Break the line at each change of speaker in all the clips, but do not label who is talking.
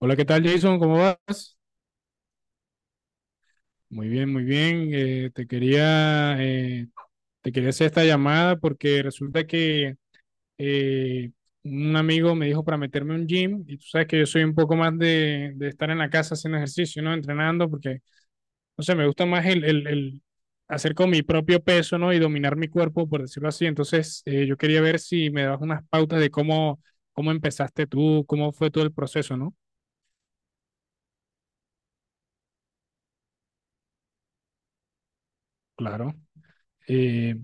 Hola, ¿qué tal, Jason? ¿Cómo vas? Muy bien, muy bien. Te quería hacer esta llamada porque resulta que eh, un amigo me dijo para meterme a un gym y tú sabes que yo soy un poco más de estar en la casa haciendo ejercicio, ¿no? Entrenando porque, no sé, me gusta más el hacer con mi propio peso, ¿no? Y dominar mi cuerpo, por decirlo así. Entonces, yo quería ver si me dabas unas pautas de cómo, cómo empezaste tú, cómo fue todo el proceso, ¿no? Claro. Eh,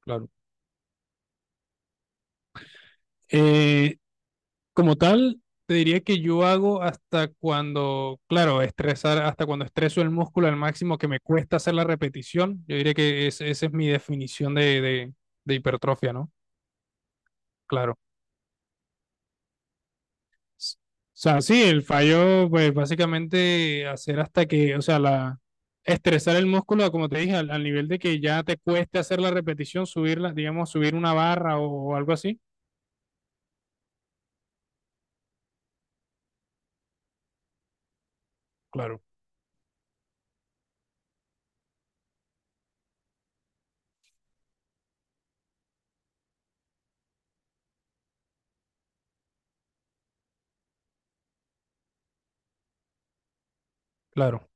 Claro. eh, Como tal, te diría que yo hago hasta cuando, claro, estresar, hasta cuando estreso el músculo al máximo que me cuesta hacer la repetición. Yo diría que esa es mi definición de hipertrofia, ¿no? Claro. O sea, sí, el fallo, pues básicamente hacer hasta que, o sea, estresar el músculo, como te dije, al nivel de que ya te cueste hacer la repetición, subirla, digamos, subir una barra o algo así. Claro, claro.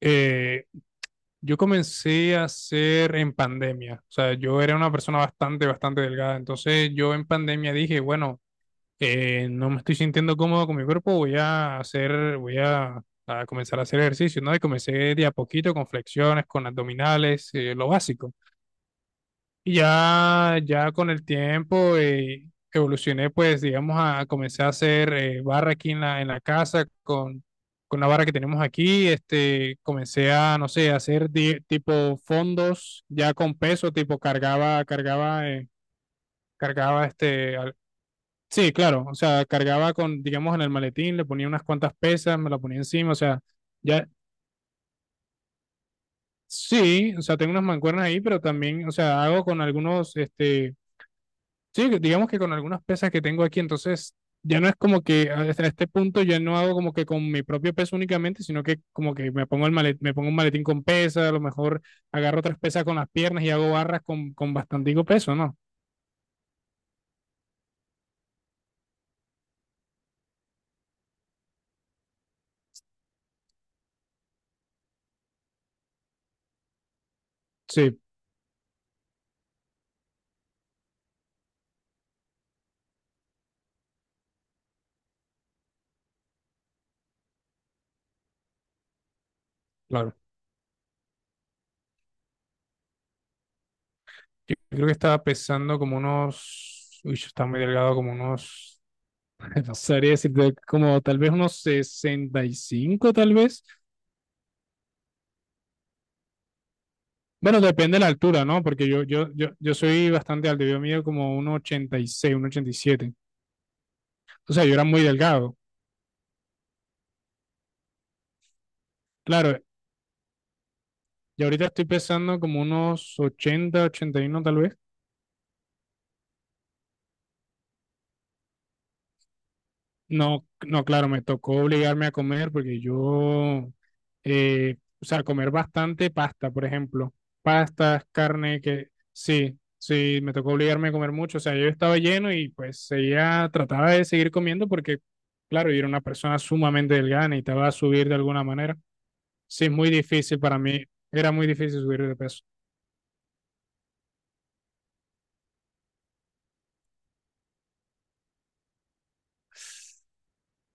Eh, Yo comencé a hacer en pandemia, o sea, yo era una persona bastante, bastante delgada, entonces yo en pandemia dije, bueno, no me estoy sintiendo cómodo con mi cuerpo, voy a comenzar a hacer ejercicio, ¿no? Y comencé de a poquito con flexiones, con abdominales, lo básico. Ya con el tiempo evolucioné, pues, digamos, comencé a hacer barra aquí en la casa con la barra que tenemos aquí. Este, comencé a, no sé, a hacer tipo fondos ya con peso, tipo cargaba, cargaba, cargaba este, sí, claro, o sea, cargaba con, digamos, en el maletín, le ponía unas cuantas pesas, me la ponía encima, o sea, ya, sí, o sea, tengo unas mancuernas ahí, pero también, o sea, hago con algunos, este. Sí, que digamos que con algunas pesas que tengo aquí, entonces ya no es como que hasta este punto ya no hago como que con mi propio peso únicamente, sino que como que me pongo un maletín con pesas, a lo mejor agarro otras pesas con las piernas y hago barras con bastantico peso, ¿no? Sí, claro. Yo creo que estaba pesando como unos, uy, yo estaba muy delgado, como unos, no sabría decirte, como tal vez unos 65 tal vez. Bueno, depende de la altura, ¿no? Porque yo soy bastante alto, yo mido como uno uno ochenta 86 uno 87. O sea, yo era muy delgado. Claro, y ahorita estoy pesando como unos 80, 81 tal vez. No, no, claro, me tocó obligarme a comer porque yo, o sea, comer bastante pasta, por ejemplo. Pastas, carne, que sí, sí, me tocó obligarme a comer mucho. O sea, yo estaba lleno y pues seguía, trataba de seguir comiendo porque, claro, yo era una persona sumamente delgada, necesitaba subir de alguna manera. Sí, es muy difícil para mí, era muy difícil subir de peso.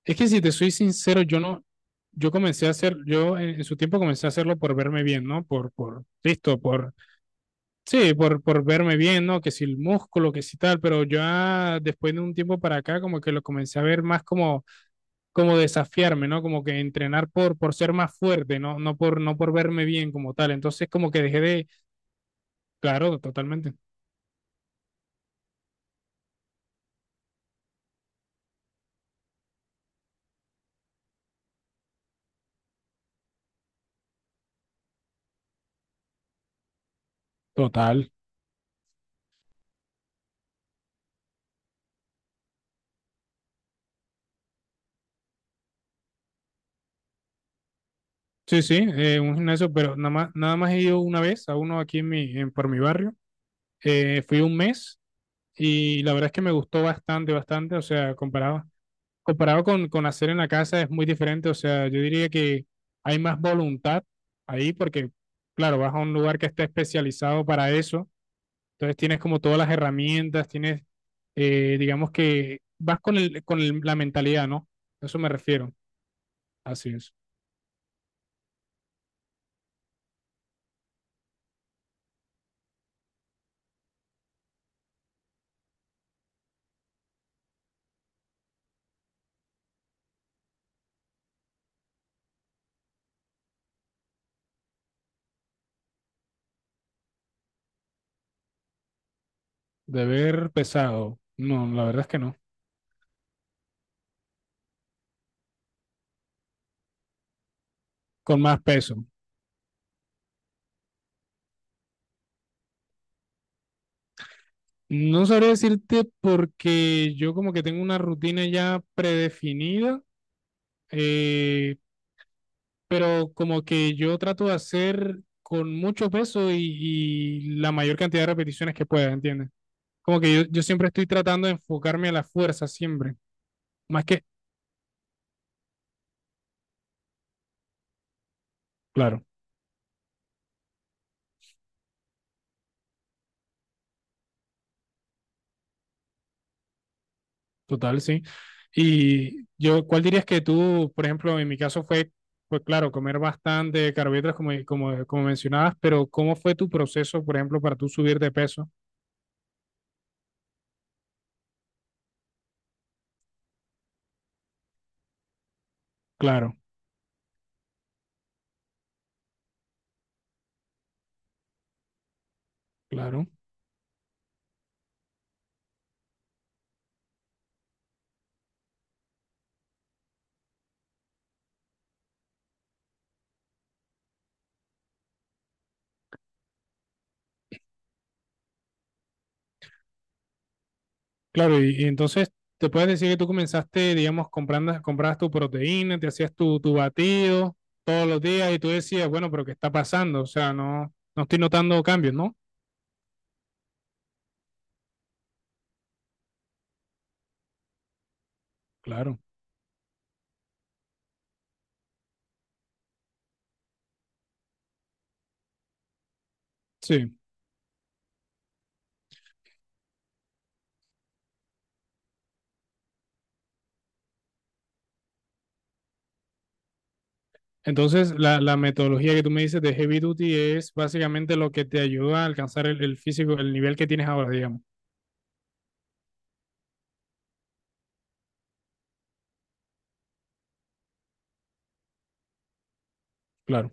Es que si te soy sincero, yo no, yo comencé a hacer, yo en su tiempo comencé a hacerlo por verme bien, ¿no? Por, listo, sí, por verme bien, ¿no? Que si el músculo, que si tal, pero ya después de un tiempo para acá, como que lo comencé a ver más como, como desafiarme, ¿no? Como que entrenar por ser más fuerte, ¿no? No por verme bien como tal. Entonces, como que dejé de, claro, totalmente. Total. Sí, sí, un gimnasio, pero nada más he ido una vez a uno aquí por mi barrio. Fui un mes y la verdad es que me gustó bastante, bastante, o sea, comparado con hacer en la casa es muy diferente, o sea, yo diría que hay más voluntad ahí porque, claro, vas a un lugar que está especializado para eso, entonces tienes como todas las herramientas, tienes, digamos que vas con la mentalidad, ¿no? A eso me refiero, así es. Deber pesado, no, la verdad es que no, con más peso. No sabría decirte porque yo como que tengo una rutina ya predefinida, eh, pero como que yo trato de hacer con mucho peso y la mayor cantidad de repeticiones que pueda, ¿entiendes? Como que yo siempre estoy tratando de enfocarme a la fuerza, siempre, más que, claro, total, sí. Y yo, ¿cuál dirías que tú, por ejemplo, en mi caso fue, pues claro, comer bastante carbohidratos como mencionabas, pero ¿cómo fue tu proceso, por ejemplo, para tú subir de peso? Claro, claro. Claro, y entonces te puedes decir que tú comenzaste, digamos, comprabas tu proteína, te hacías tu batido todos los días y tú decías, bueno, pero ¿qué está pasando? O sea, no, no estoy notando cambios, ¿no? Claro, sí. Entonces, la metodología que tú me dices de Heavy Duty es básicamente lo que te ayuda a alcanzar el físico, el nivel que tienes ahora, digamos. Claro,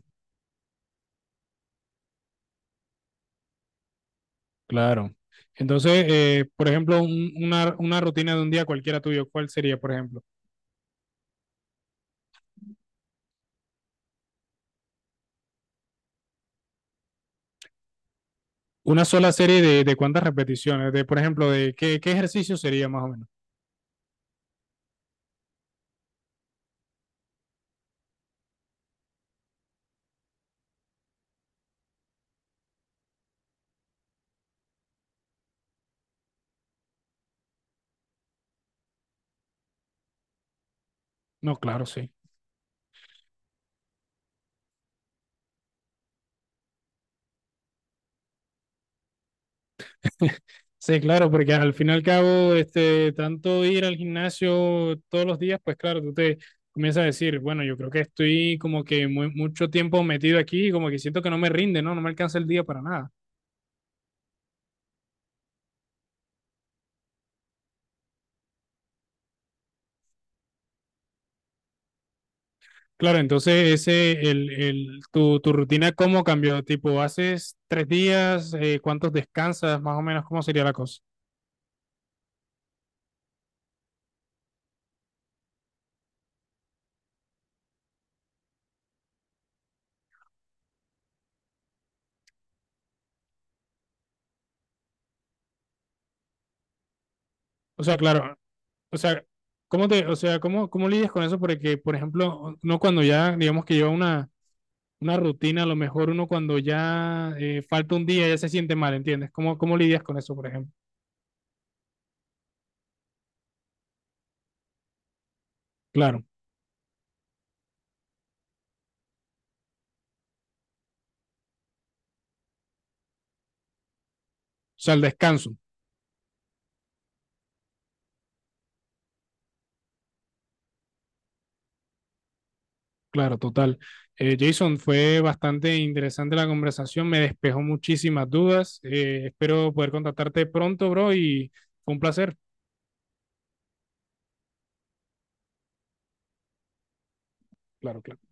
claro. Entonces, por ejemplo, una rutina de un día cualquiera tuyo, ¿cuál sería, por ejemplo? Una sola serie de cuántas repeticiones, de por ejemplo, de qué ejercicio sería más o menos. No, claro, sí. Sí, claro, porque al fin y al cabo, este, tanto ir al gimnasio todos los días, pues claro, tú te comienzas a decir, bueno, yo creo que estoy como que mucho tiempo metido aquí, como que siento que no me rinde, ¿no? No me alcanza el día para nada. Claro, entonces ese, el, tu rutina, ¿cómo cambió? Tipo, ¿haces 3 días? ¿Cuántos descansas? Más o menos, ¿cómo sería la cosa? O sea, claro. O sea, ¿cómo o sea, cómo lidias con eso? Porque, por ejemplo, no cuando ya, digamos que lleva una rutina, a lo mejor uno cuando ya falta un día ya se siente mal, ¿entiendes? ¿Cómo lidias con eso, por ejemplo? Claro, o sea, el descanso, claro, total. Jason, fue bastante interesante la conversación, me despejó muchísimas dudas. Espero poder contactarte pronto, bro, y fue un placer. Claro, claro.